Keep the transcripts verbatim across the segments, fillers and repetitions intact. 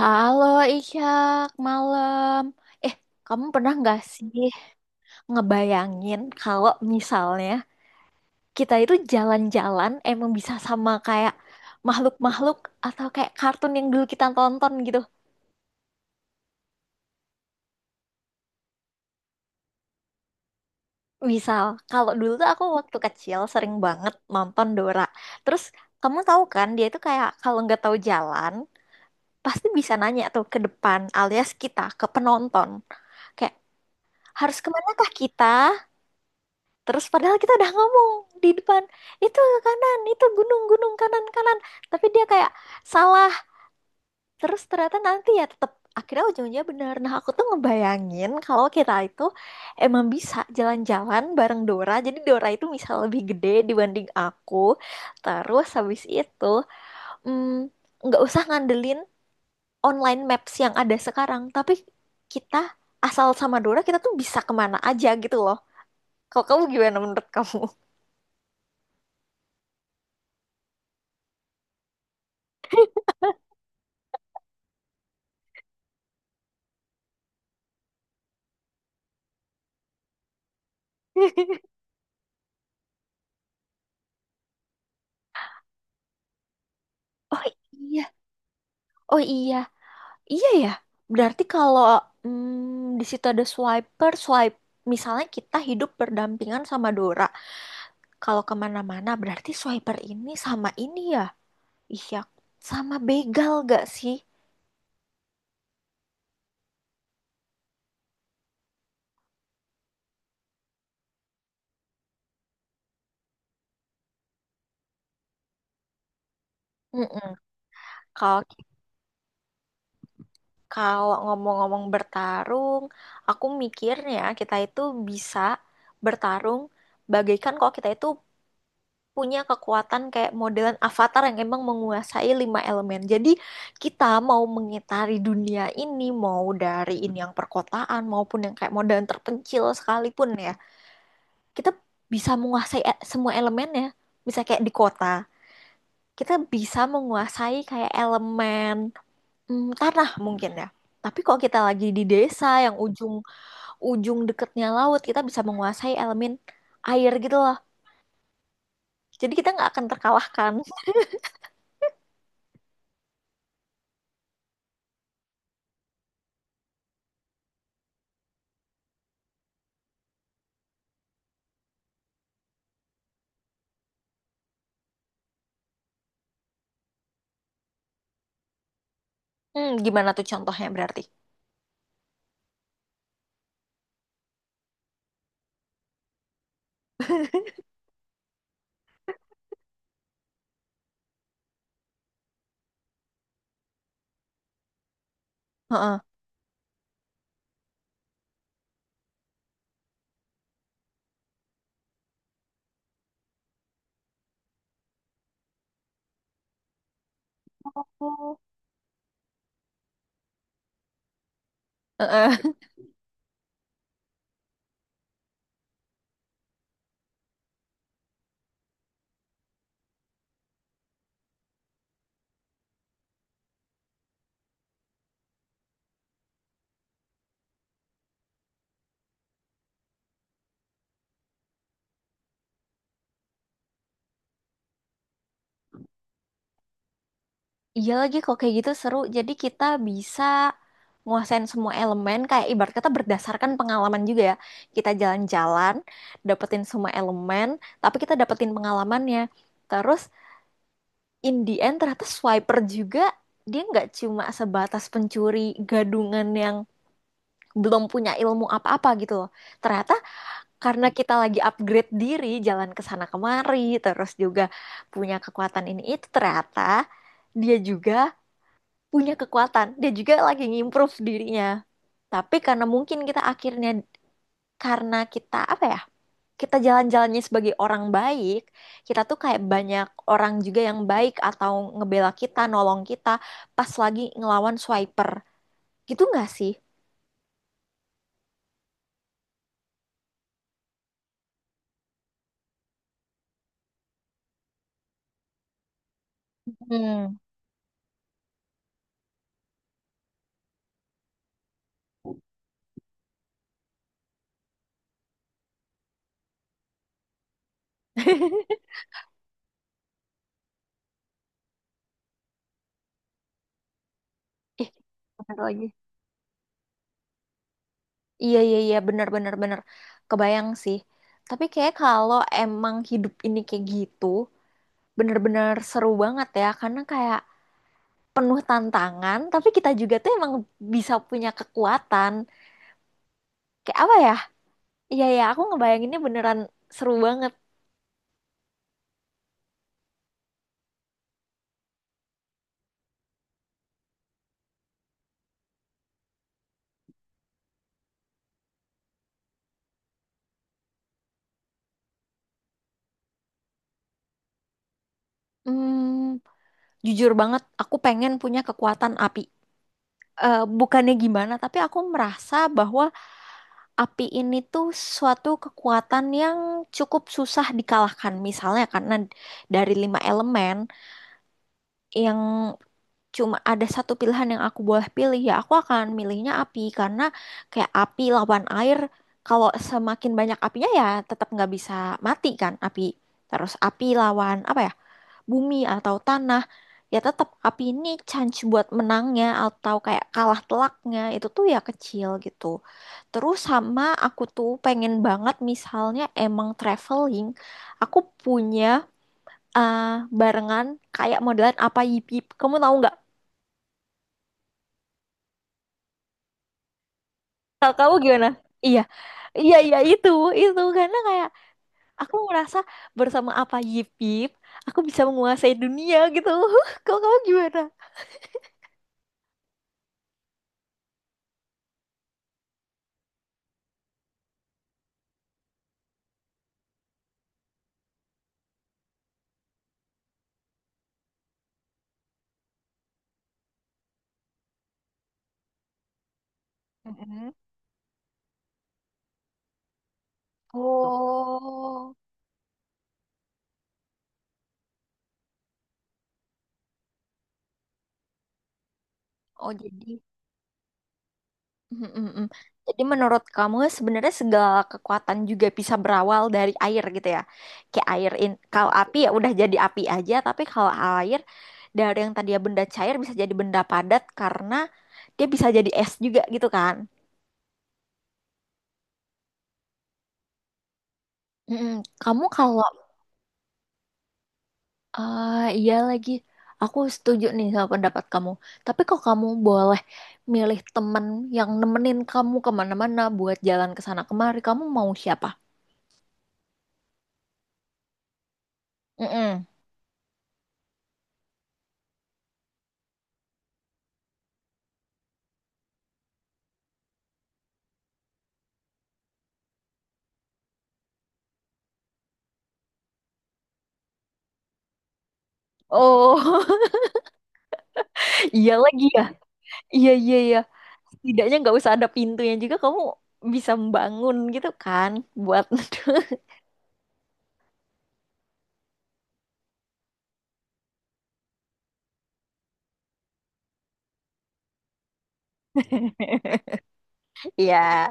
Halo Ishak, malam. Eh, kamu pernah nggak sih ngebayangin kalau misalnya kita itu jalan-jalan emang bisa sama kayak makhluk-makhluk atau kayak kartun yang dulu kita tonton gitu? Misal, kalau dulu tuh aku waktu kecil sering banget nonton Dora. Terus kamu tahu kan dia itu kayak kalau nggak tahu jalan pasti bisa nanya tuh ke depan alias kita ke penonton. Kayak harus kemana kah kita? Terus padahal kita udah ngomong di depan, itu ke kanan, itu gunung-gunung kanan-kanan. Tapi dia kayak salah. Terus ternyata nanti ya tetap akhirnya ujung-ujungnya benar. Nah, aku tuh ngebayangin kalau kita itu emang bisa jalan-jalan bareng Dora. Jadi Dora itu bisa lebih gede dibanding aku. Terus habis itu mm, nggak usah ngandelin online maps yang ada sekarang, tapi kita asal sama Dora kita tuh bisa kemana aja gitu loh. Kalau kamu gimana menurut kamu? Oh iya, oh iya, iya ya. Berarti kalau mm, di situ ada swiper, swipe. Misalnya kita hidup berdampingan sama Dora. Kalau kemana-mana, berarti swiper ini sama ini ya. Iya, sama begal gak sih? Mm-mm. Kalau kalau ngomong-ngomong bertarung, aku mikirnya kita itu bisa bertarung bagaikan kalau kita itu punya kekuatan kayak modelan avatar yang emang menguasai lima elemen. Jadi kita mau mengitari dunia ini, mau dari ini yang perkotaan maupun yang kayak modelan terpencil sekalipun ya, kita bisa menguasai e- semua elemennya. Bisa kayak di kota, kita bisa menguasai kayak elemen mm, tanah mungkin ya. Tapi kalau kita lagi di desa yang ujung-ujung deketnya laut, kita bisa menguasai elemen air gitu loh. Jadi kita nggak akan terkalahkan. Hmm, gimana tuh contohnya berarti? Heeh. Oh, heeh. Iya lagi kok kayak gitu seru. Jadi kita bisa nguasain semua elemen kayak ibarat kata berdasarkan pengalaman juga ya. Kita jalan-jalan, dapetin semua elemen, tapi kita dapetin pengalamannya. Terus in the end ternyata swiper juga dia nggak cuma sebatas pencuri gadungan yang belum punya ilmu apa-apa gitu loh. Ternyata karena kita lagi upgrade diri, jalan ke sana kemari, terus juga punya kekuatan ini itu ternyata dia juga punya kekuatan, dia juga lagi ngimprove dirinya. Tapi karena mungkin kita akhirnya karena kita apa ya? Kita jalan-jalannya sebagai orang baik, kita tuh kayak banyak orang juga yang baik atau ngebela kita, nolong kita pas lagi ngelawan swiper. Gitu nggak sih? Hmm. Ih, bener lagi. Iya, iya, iya, bener, bener, bener, kebayang sih. Tapi kayak kalau emang hidup ini kayak gitu bener-bener seru banget ya karena kayak penuh tantangan tapi kita juga tuh emang bisa punya kekuatan. Kayak apa ya? Iya, iya, aku ngebayanginnya beneran seru banget. Hmm, jujur banget aku pengen punya kekuatan api. Eh, bukannya gimana tapi aku merasa bahwa api ini tuh suatu kekuatan yang cukup susah dikalahkan. Misalnya karena dari lima elemen yang cuma ada satu pilihan yang aku boleh pilih ya aku akan milihnya api karena kayak api lawan air kalau semakin banyak apinya ya tetap nggak bisa mati kan api, terus api lawan apa ya, bumi atau tanah, ya tetap api ini chance buat menangnya atau kayak kalah telaknya itu tuh ya kecil gitu. Terus sama aku tuh pengen banget misalnya emang traveling aku punya eh, barengan kayak modelan apa yip yip, kamu tahu nggak? Kalau kamu gimana? Iya, iya, iya itu, itu, karena kayak aku merasa bersama apa Yip Yip, aku bisa menguasai dunia gitu. Kalau kamu gimana? Mm-mm. Oh, oh jadi, mm-mm-mm. Jadi menurut kamu sebenarnya segala kekuatan juga bisa berawal dari air gitu ya? Kayak air in, kalau api ya udah jadi api aja, tapi kalau air dari yang tadi ya benda cair bisa jadi benda padat karena dia bisa jadi es juga gitu kan? Mm-mm. Kamu kalau ah, iya lagi. Aku setuju nih sama pendapat kamu. Tapi kalau kamu boleh milih temen yang nemenin kamu kemana-mana buat jalan ke sana kemari, kamu mau siapa? Mm-mm. Oh, iya lagi ya. Iya, iya, iya. Setidaknya nggak usah ada pintunya juga kamu bisa membangun gitu kan buat iya.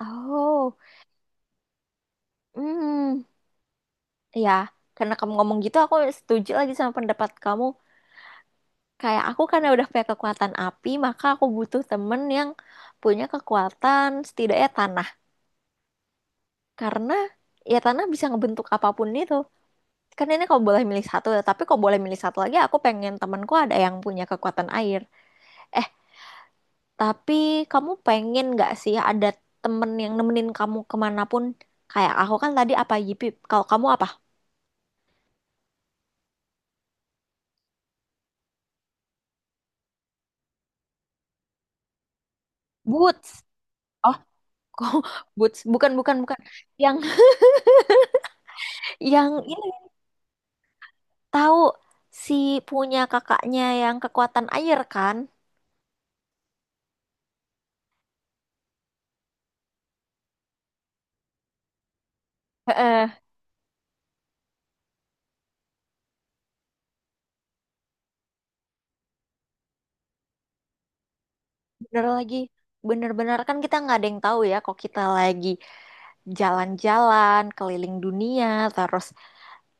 Oh, hmm, ya. Karena kamu ngomong gitu, aku setuju lagi sama pendapat kamu. Kayak aku karena udah punya kekuatan api, maka aku butuh temen yang punya kekuatan setidaknya tanah. Karena ya tanah bisa ngebentuk apapun itu. Kan ini kau boleh milih satu, ya, tapi kau boleh milih satu lagi, aku pengen temenku ada yang punya kekuatan air. Eh, tapi kamu pengen nggak sih ada temen yang nemenin kamu kemanapun? Kayak aku kan tadi apa Yipip, kalau kamu apa? Boots. Oh, kok boots? Bukan, bukan, bukan. Yang yang tahu si punya kakaknya yang kekuatan air kan? Heeh. Bener lagi, bener-bener kan kita nggak ada yang tahu ya kok kita lagi jalan-jalan keliling dunia, terus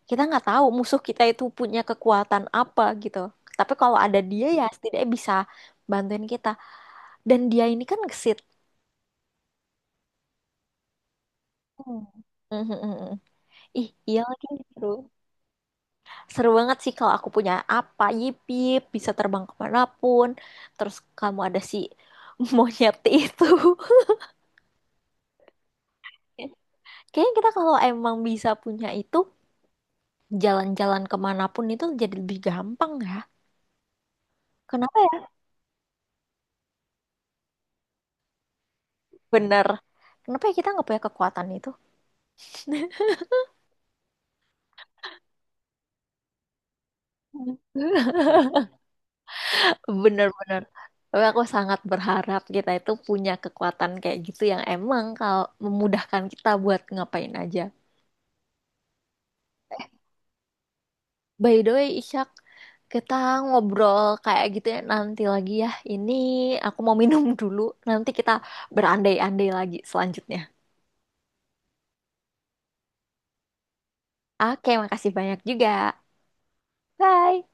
kita nggak tahu musuh kita itu punya kekuatan apa gitu. Tapi kalau ada dia ya setidaknya bisa bantuin kita. Dan dia ini kan gesit. Hmm. Mhm, mhm, mhm. Ih, iya lagi seru. Seru banget sih kalau aku punya apa, yip yip, bisa terbang kemanapun. Terus kamu ada si monyet itu. Kayaknya kita kalau emang bisa punya itu, jalan-jalan kemanapun itu jadi lebih gampang ya. Kenapa ya? Bener. Kenapa ya kita nggak punya kekuatan itu? Hmm. Bener-bener. Tapi aku sangat berharap kita itu punya kekuatan kayak gitu yang emang kalau memudahkan kita buat ngapain aja. By the way, Ishak, kita ngobrol kayak gitu ya nanti lagi ya. Ini aku mau minum dulu. Nanti kita berandai-andai lagi selanjutnya. Oke, makasih banyak juga. Bye.